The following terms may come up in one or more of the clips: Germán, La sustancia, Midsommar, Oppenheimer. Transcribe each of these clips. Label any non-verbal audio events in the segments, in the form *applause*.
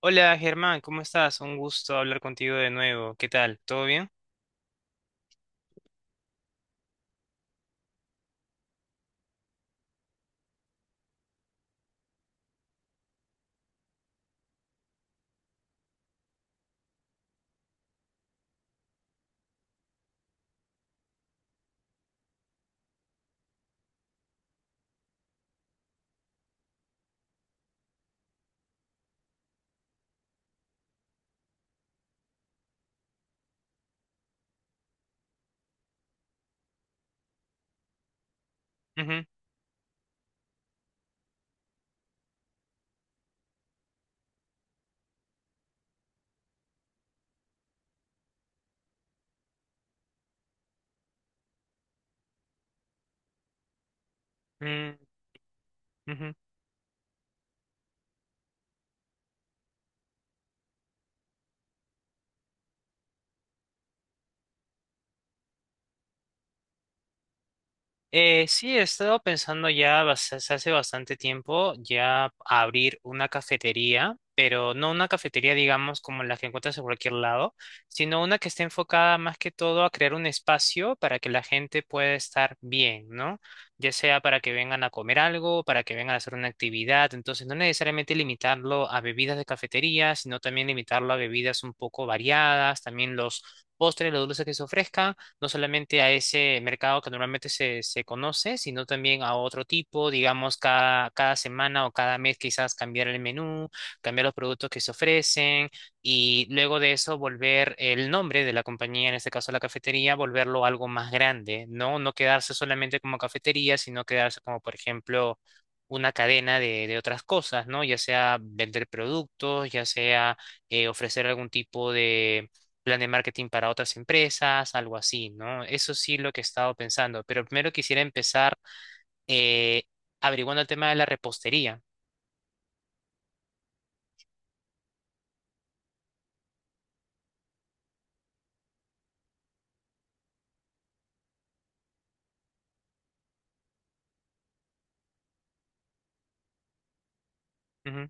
Hola Germán, ¿cómo estás? Un gusto hablar contigo de nuevo. ¿Qué tal? ¿Todo bien? Ujú, mm, ujú. Sí, he estado pensando ya hace hace bastante tiempo ya abrir una cafetería, pero no una cafetería, digamos, como la que encuentras en cualquier lado, sino una que esté enfocada más que todo a crear un espacio para que la gente pueda estar bien, ¿no? Ya sea para que vengan a comer algo, para que vengan a hacer una actividad, entonces no necesariamente limitarlo a bebidas de cafetería, sino también limitarlo a bebidas un poco variadas, también los postres, los dulces que se ofrezcan no solamente a ese mercado que normalmente se conoce, sino también a otro tipo, digamos, cada semana o cada mes quizás cambiar el menú, cambiar los productos que se ofrecen y luego de eso volver el nombre de la compañía, en este caso la cafetería, volverlo algo más grande, ¿no? No quedarse solamente como cafetería, sino quedarse como, por ejemplo, una cadena de otras cosas, ¿no? Ya sea vender productos, ya sea ofrecer algún tipo de plan de marketing para otras empresas, algo así, ¿no? Eso sí lo que he estado pensando, pero primero quisiera empezar eh, averiguando el tema de la repostería. Ujú.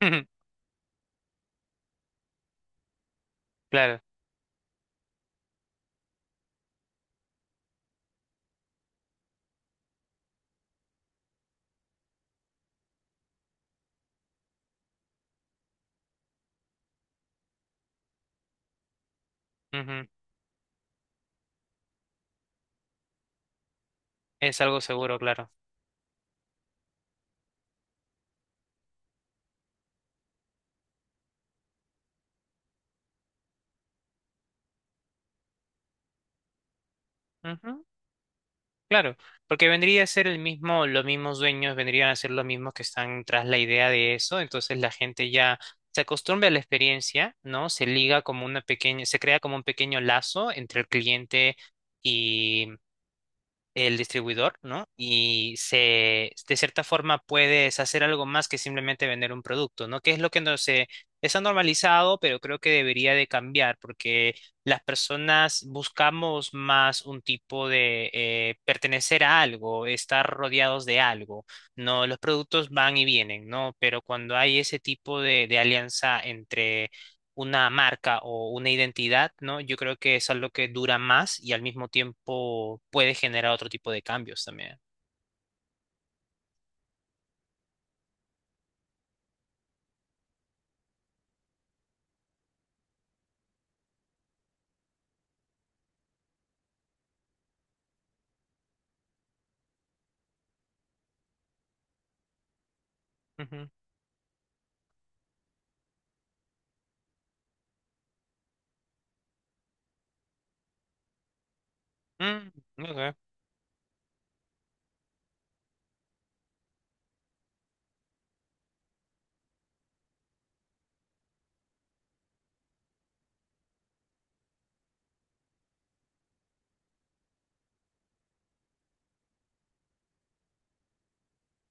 *laughs* Claro, ujú. Es algo seguro, claro. Ujú. Claro, porque vendría a ser el mismo, los mismos dueños vendrían a ser los mismos que están tras la idea de eso, entonces la gente ya se acostumbra a la experiencia, ¿no? Se liga como una pequeña, se crea como un pequeño lazo entre el cliente el distribuidor, ¿no? Y se, de cierta forma puedes hacer algo más que simplemente vender un producto, ¿no? Que es lo que no se está normalizado, pero creo que debería de cambiar porque las personas buscamos más un tipo de pertenecer a algo, estar rodeados de algo, ¿no? Los productos van y vienen, ¿no? Pero cuando hay ese tipo de alianza entre una marca o una identidad, ¿no? Yo creo que es algo que dura más y al mismo tiempo puede generar otro tipo de cambios también. Ujú. Mm, ok.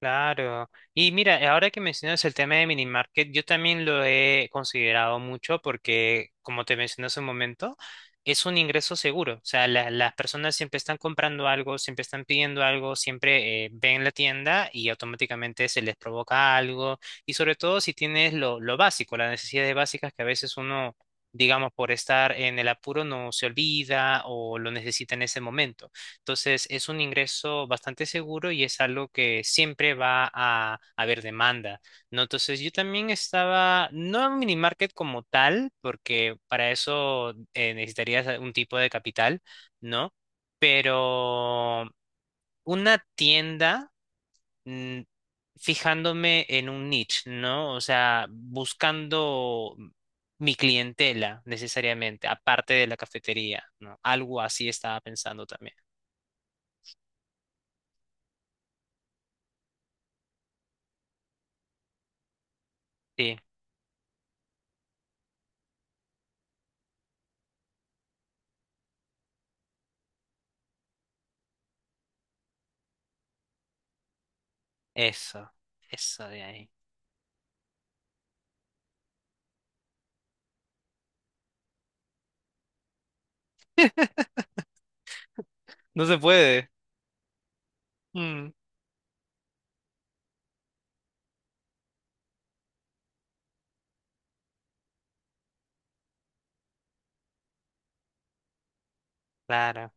Claro. Y mira, ahora que mencionas el tema de mini market, yo también lo he considerado mucho porque, como te mencioné hace un momento, es un ingreso seguro. O sea, las personas siempre están comprando algo, siempre están pidiendo algo, siempre ven la tienda y automáticamente se les provoca algo. Y sobre todo si tienes lo básico, las necesidades básicas que a veces uno, digamos, por estar en el apuro no se olvida o lo necesita en ese momento. Entonces es un ingreso bastante seguro y es algo que siempre va a haber demanda, ¿no? Entonces yo también estaba, no en un mini market como tal, porque para eso necesitarías un tipo de capital, ¿no? Pero una tienda mm, fijándome en un niche, ¿no? O sea, buscando mi clientela necesariamente, aparte de la cafetería, ¿no? Algo así estaba pensando también. Sí. Eso, eso de ahí. *laughs* No se puede. Mm, claro.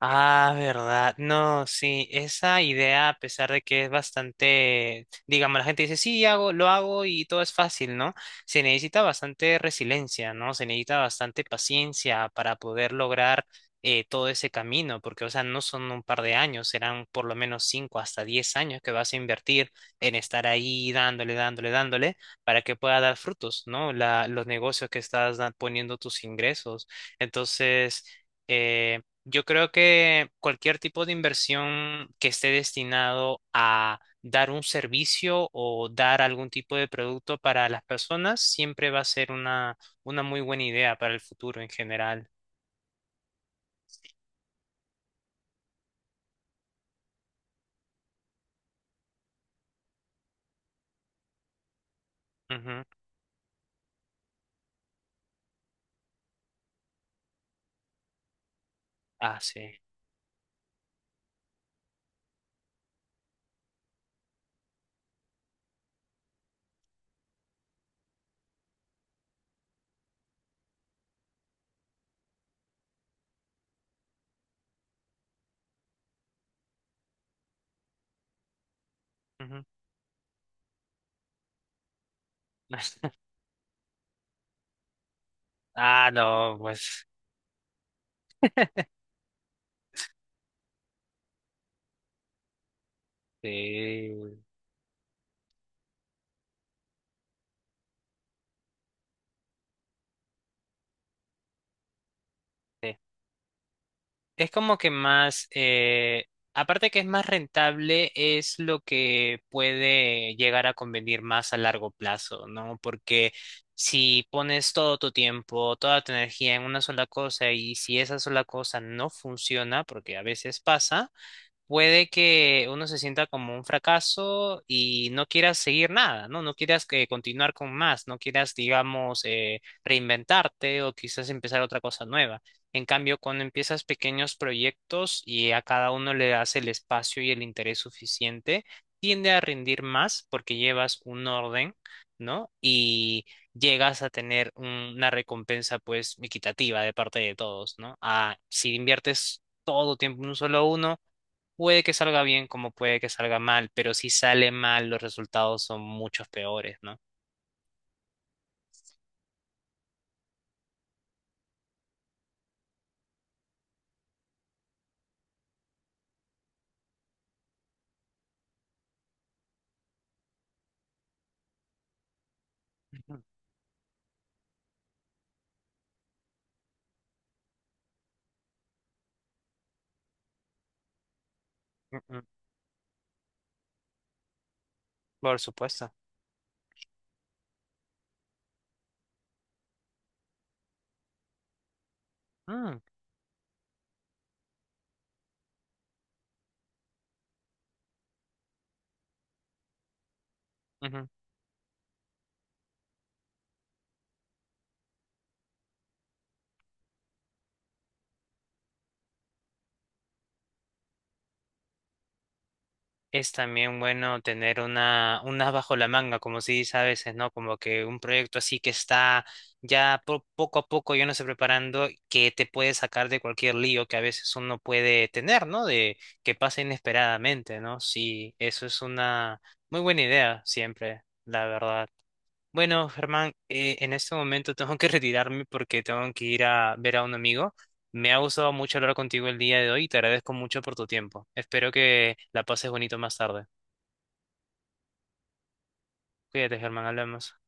Ah, verdad. No, sí, esa idea, a pesar de que es bastante, digamos, la gente dice, sí, hago, lo hago y todo es fácil, ¿no? Se necesita bastante resiliencia, ¿no? Se necesita bastante paciencia para poder lograr todo ese camino, porque, o sea, no son un par de años, serán por lo menos cinco hasta diez años que vas a invertir en estar ahí dándole, dándole, dándole, para que pueda dar frutos, ¿no? La, los negocios que estás poniendo tus ingresos. Entonces eh, yo creo que cualquier tipo de inversión que esté destinado a dar un servicio o dar algún tipo de producto para las personas siempre va a ser una muy buena idea para el futuro en general. Ujú. Ah, sí. Ujú. *laughs* Ah, no, pues sí, sí. Es como que más, aparte que es más rentable, es lo que puede llegar a convenir más a largo plazo, ¿no? Porque si pones todo tu tiempo, toda tu energía en una sola cosa y si esa sola cosa no funciona, porque a veces pasa, puede que uno se sienta como un fracaso y no quieras seguir nada, ¿no? No quieras que continuar con más, no quieras, digamos, reinventarte o quizás empezar otra cosa nueva. En cambio, cuando empiezas pequeños proyectos y a cada uno le das el espacio y el interés suficiente, tiende a rendir más porque llevas un orden, ¿no? Y llegas a tener una recompensa, pues, equitativa de parte de todos, ¿no? Ah, si inviertes todo tiempo en un solo uno, puede que salga bien como puede que salga mal, pero si sale mal, los resultados son muchos peores, ¿no? Ujú, ujú. Por supuesto. Mm, ujú. Es también bueno tener una, unas bajo la manga, como se dice a veces, ¿no? Como que un proyecto así que está ya poco a poco yo no sé preparando, que te puede sacar de cualquier lío que a veces uno puede tener, ¿no? De que pasa inesperadamente, ¿no? Sí, eso es una muy buena idea siempre, la verdad. Bueno, Germán, en este momento tengo que *laughs* retirarme porque tengo que ir a ver a un amigo. Me ha gustado mucho hablar contigo el día de hoy y te agradezco mucho por tu tiempo. Espero que la pases bonito más tarde. Cuídate, Germán, hablamos.